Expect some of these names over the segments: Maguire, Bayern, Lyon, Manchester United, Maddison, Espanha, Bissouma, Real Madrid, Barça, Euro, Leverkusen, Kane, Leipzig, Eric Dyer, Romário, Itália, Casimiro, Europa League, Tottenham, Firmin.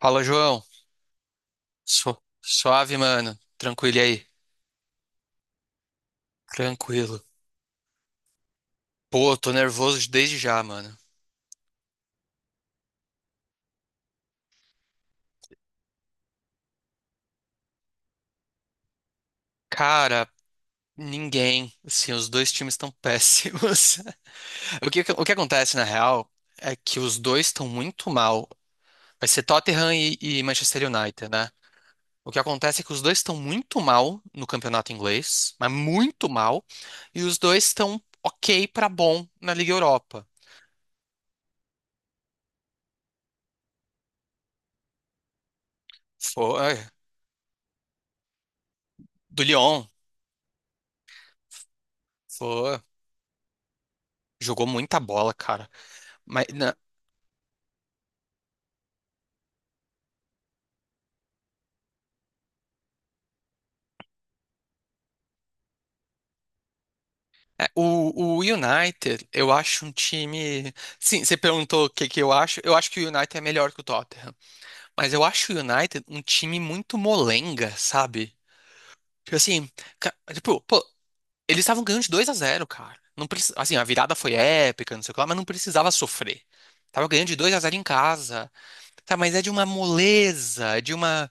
Fala, João. Suave, mano. Tranquilo e aí? Tranquilo. Pô, tô nervoso desde já, mano. Cara, ninguém. Assim, os dois times estão péssimos. O que acontece, na real, é que os dois estão muito mal. Vai ser Tottenham e Manchester United, né? O que acontece é que os dois estão muito mal no campeonato inglês, mas muito mal, e os dois estão ok pra bom na Liga Europa. Foi. Do Lyon. Foi. Jogou muita bola, cara. Mas na- É, o United, eu acho um time. Sim, você perguntou o que que eu acho. Eu acho que o United é melhor que o Tottenham. Mas eu acho o United um time muito molenga, sabe? Tipo assim, tipo, pô, eles estavam ganhando de 2 a zero, cara. Não preci- Assim, a virada foi épica, não sei o que lá, mas não precisava sofrer. Tava ganhando de 2 a zero em casa. Tá, mas é de uma moleza, é de uma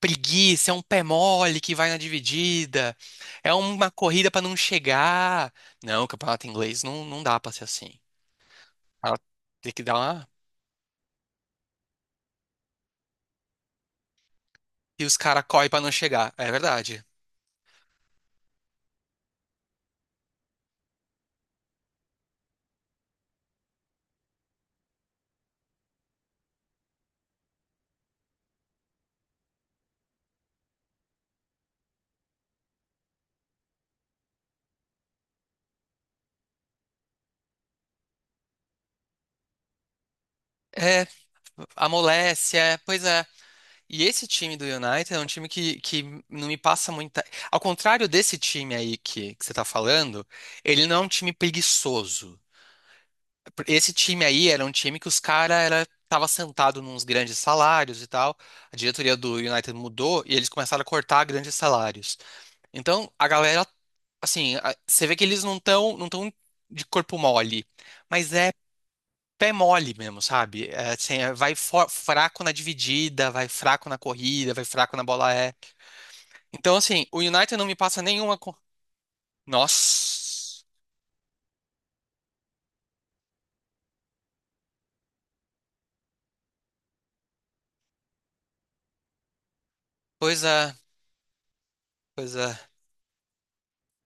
preguiça, é um pé mole que vai na dividida, é uma corrida pra não chegar. Não, o campeonato inglês não, não dá pra ser assim. Ela Tem que dar uma. E os caras correm pra não chegar. É verdade. É, amolece, é, pois é. E esse time do United é um time que não me passa muita. Ao contrário desse time aí que você tá falando, ele não é um time preguiçoso. Esse time aí era um time que os caras era tava sentado nos grandes salários e tal. A diretoria do United mudou e eles começaram a cortar grandes salários. Então, a galera, assim, você vê que eles não estão, não tão de corpo mole, mas é pé mole mesmo, sabe? É, assim, é, vai fraco na dividida, vai fraco na corrida, vai fraco na bola é. Então, assim, o United não me passa nenhuma Nossa, coisa, coisa.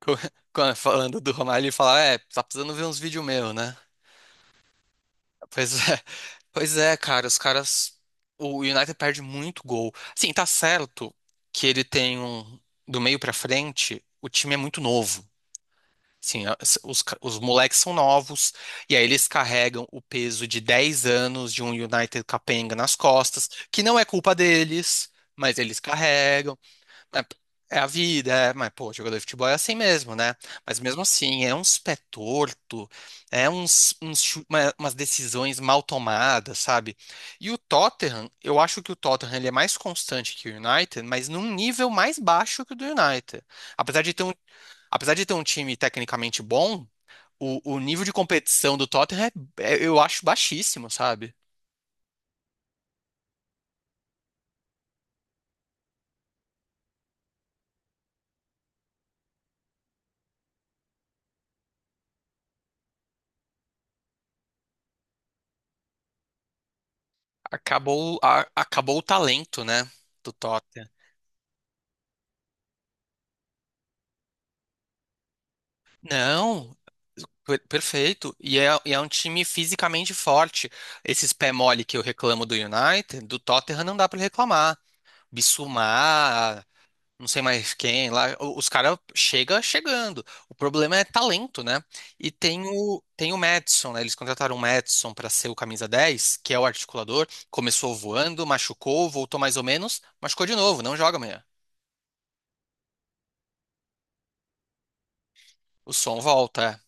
Co- Falando do Romário, ele fala, é, tá precisando ver uns vídeos meus, né? Pois é, pois é, cara, os caras. O United perde muito gol. Assim, tá certo que ele tem um. Do meio pra frente, o time é muito novo. Assim, os moleques são novos, e aí eles carregam o peso de 10 anos de um United capenga nas costas, que não é culpa deles, mas eles carregam. É, é a vida, é, mas pô, jogador de futebol é assim mesmo, né? Mas mesmo assim, é uns pé torto, é uns, umas decisões mal tomadas, sabe? E o Tottenham, eu acho que o Tottenham ele é mais constante que o United, mas num nível mais baixo que o do United. Apesar de ter um, apesar de ter um time tecnicamente bom, o nível de competição do Tottenham é, é, eu acho baixíssimo, sabe? Acabou, acabou o talento, né, do Tottenham. Não, Perfeito. E é um time fisicamente forte. Esses pé mole que eu reclamo do United, do Tottenham não dá pra reclamar. Bissouma, não sei mais quem lá, o- os caras chega chegando. O problema é talento, né? E tem o Maddison, né? Eles contrataram o Maddison pra ser o camisa 10, que é o articulador. Começou voando, machucou, voltou mais ou menos, machucou de novo, não joga amanhã. O som volta.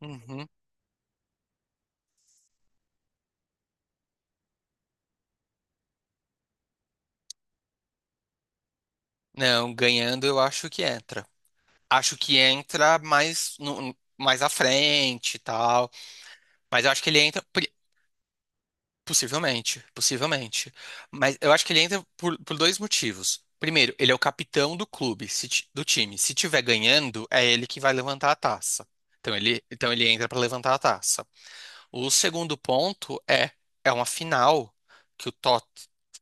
É. Uhum. Não, ganhando eu acho que entra. Acho que entra mais, no- mais à frente e tal. Mas eu acho que ele entra. Possivelmente, possivelmente. Mas eu acho que ele entra por dois motivos. Primeiro, ele é o capitão do clube, se ti- do time. Se tiver ganhando, é ele que vai levantar a taça. Então ele entra para levantar a taça. O segundo ponto é, é uma final que o Tot,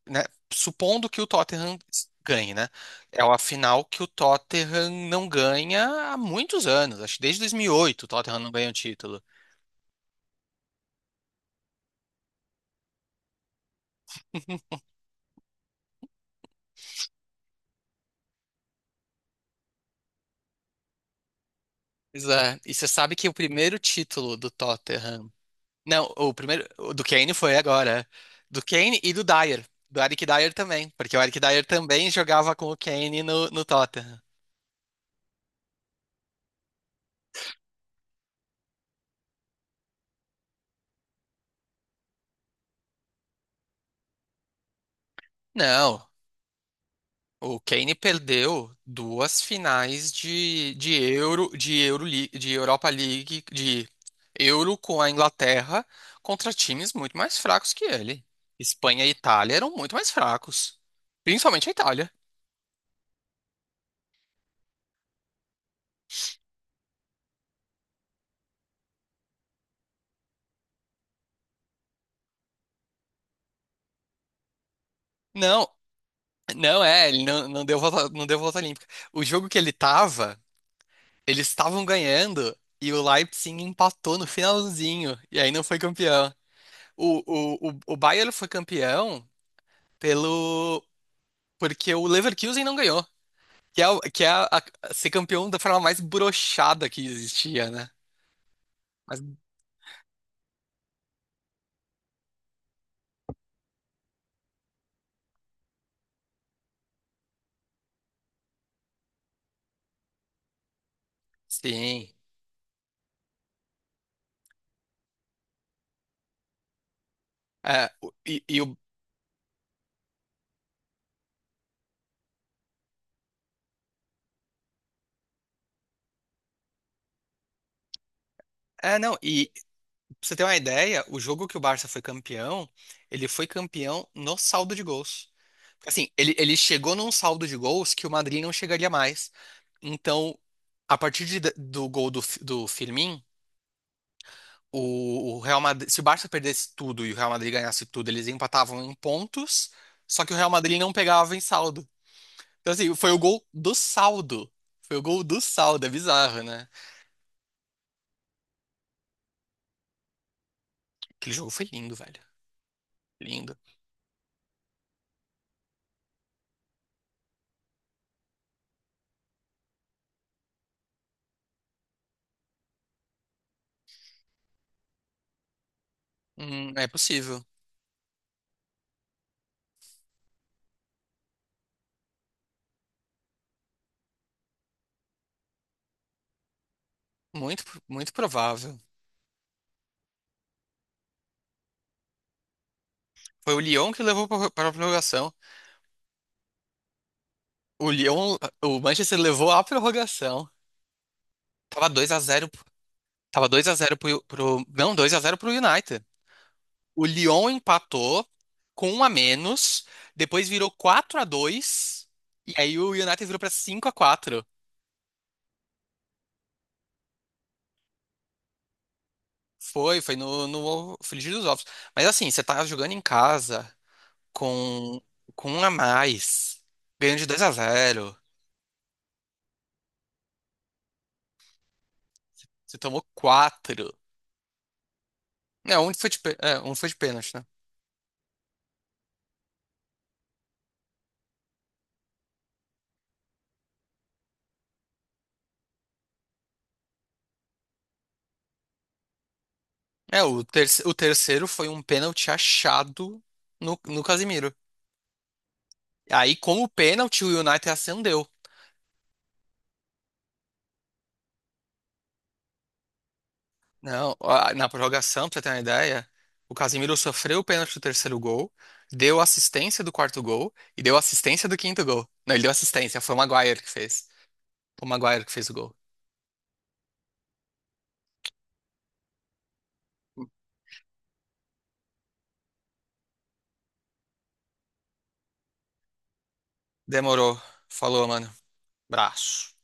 né, supondo que o Tottenham ganhe, né? É uma final que o Tottenham não ganha há muitos anos, acho que desde 2008 o Tottenham não ganha um título. Pois é, e você sabe que o primeiro título do Tottenham, não, o primeiro, o do Kane, foi agora, do Kane e do Dyer, do Eric Dyer também, porque o Eric Dyer também jogava com o Kane no, no Tottenham. Não, o Kane perdeu duas finais de Euro, de Europa League, de Euro com a Inglaterra contra times muito mais fracos que ele. Espanha e Itália eram muito mais fracos, principalmente a Itália. Não, não é, ele não, não deu volta, não deu volta olímpica. O jogo que ele tava, eles estavam ganhando e o Leipzig empatou no finalzinho e aí não foi campeão. O Bayern foi campeão pelo porque o Leverkusen não ganhou, que é, ser campeão da forma mais broxada que existia, né? Mas sim. É, o- e o, é, não, e pra você ter uma ideia, o jogo que o Barça foi campeão, ele foi campeão no saldo de gols. Assim, ele chegou num saldo de gols que o Madrid não chegaria mais. Então, do gol do, do Firmin, o Real Madrid, se o Barça perdesse tudo e o Real Madrid ganhasse tudo, eles empatavam em pontos, só que o Real Madrid não pegava em saldo. Então, assim, foi o gol do saldo. Foi o gol do saldo, é bizarro, né? Aquele jogo foi lindo, velho. Lindo. É possível. Muito, muito provável. Foi o Lyon que levou para a prorrogação. O Lyon, o Manchester levou a prorrogação. Tava 2 a 0, tava 2 a zero não, 2 a zero pro United. O Lyon empatou com um a menos, depois virou 4 a 2 e aí o United virou pra 5 a 4. Foi, foi no, no Frigir dos Ovos. Mas assim, você tá jogando em casa com, com um a mais, ganhando de 2 a zero. Você tomou quatro. É, um foi de, é, um foi de pênalti, né? É, o, o terceiro foi um pênalti achado no Casimiro. Aí, com o pênalti, o United acendeu. Não, na prorrogação, pra você ter uma ideia, o Casimiro sofreu o pênalti do terceiro gol, deu assistência do quarto gol e deu assistência do quinto gol. Não, ele deu assistência, foi o Maguire que fez. O Maguire que fez o gol. Demorou. Falou, mano. Braço.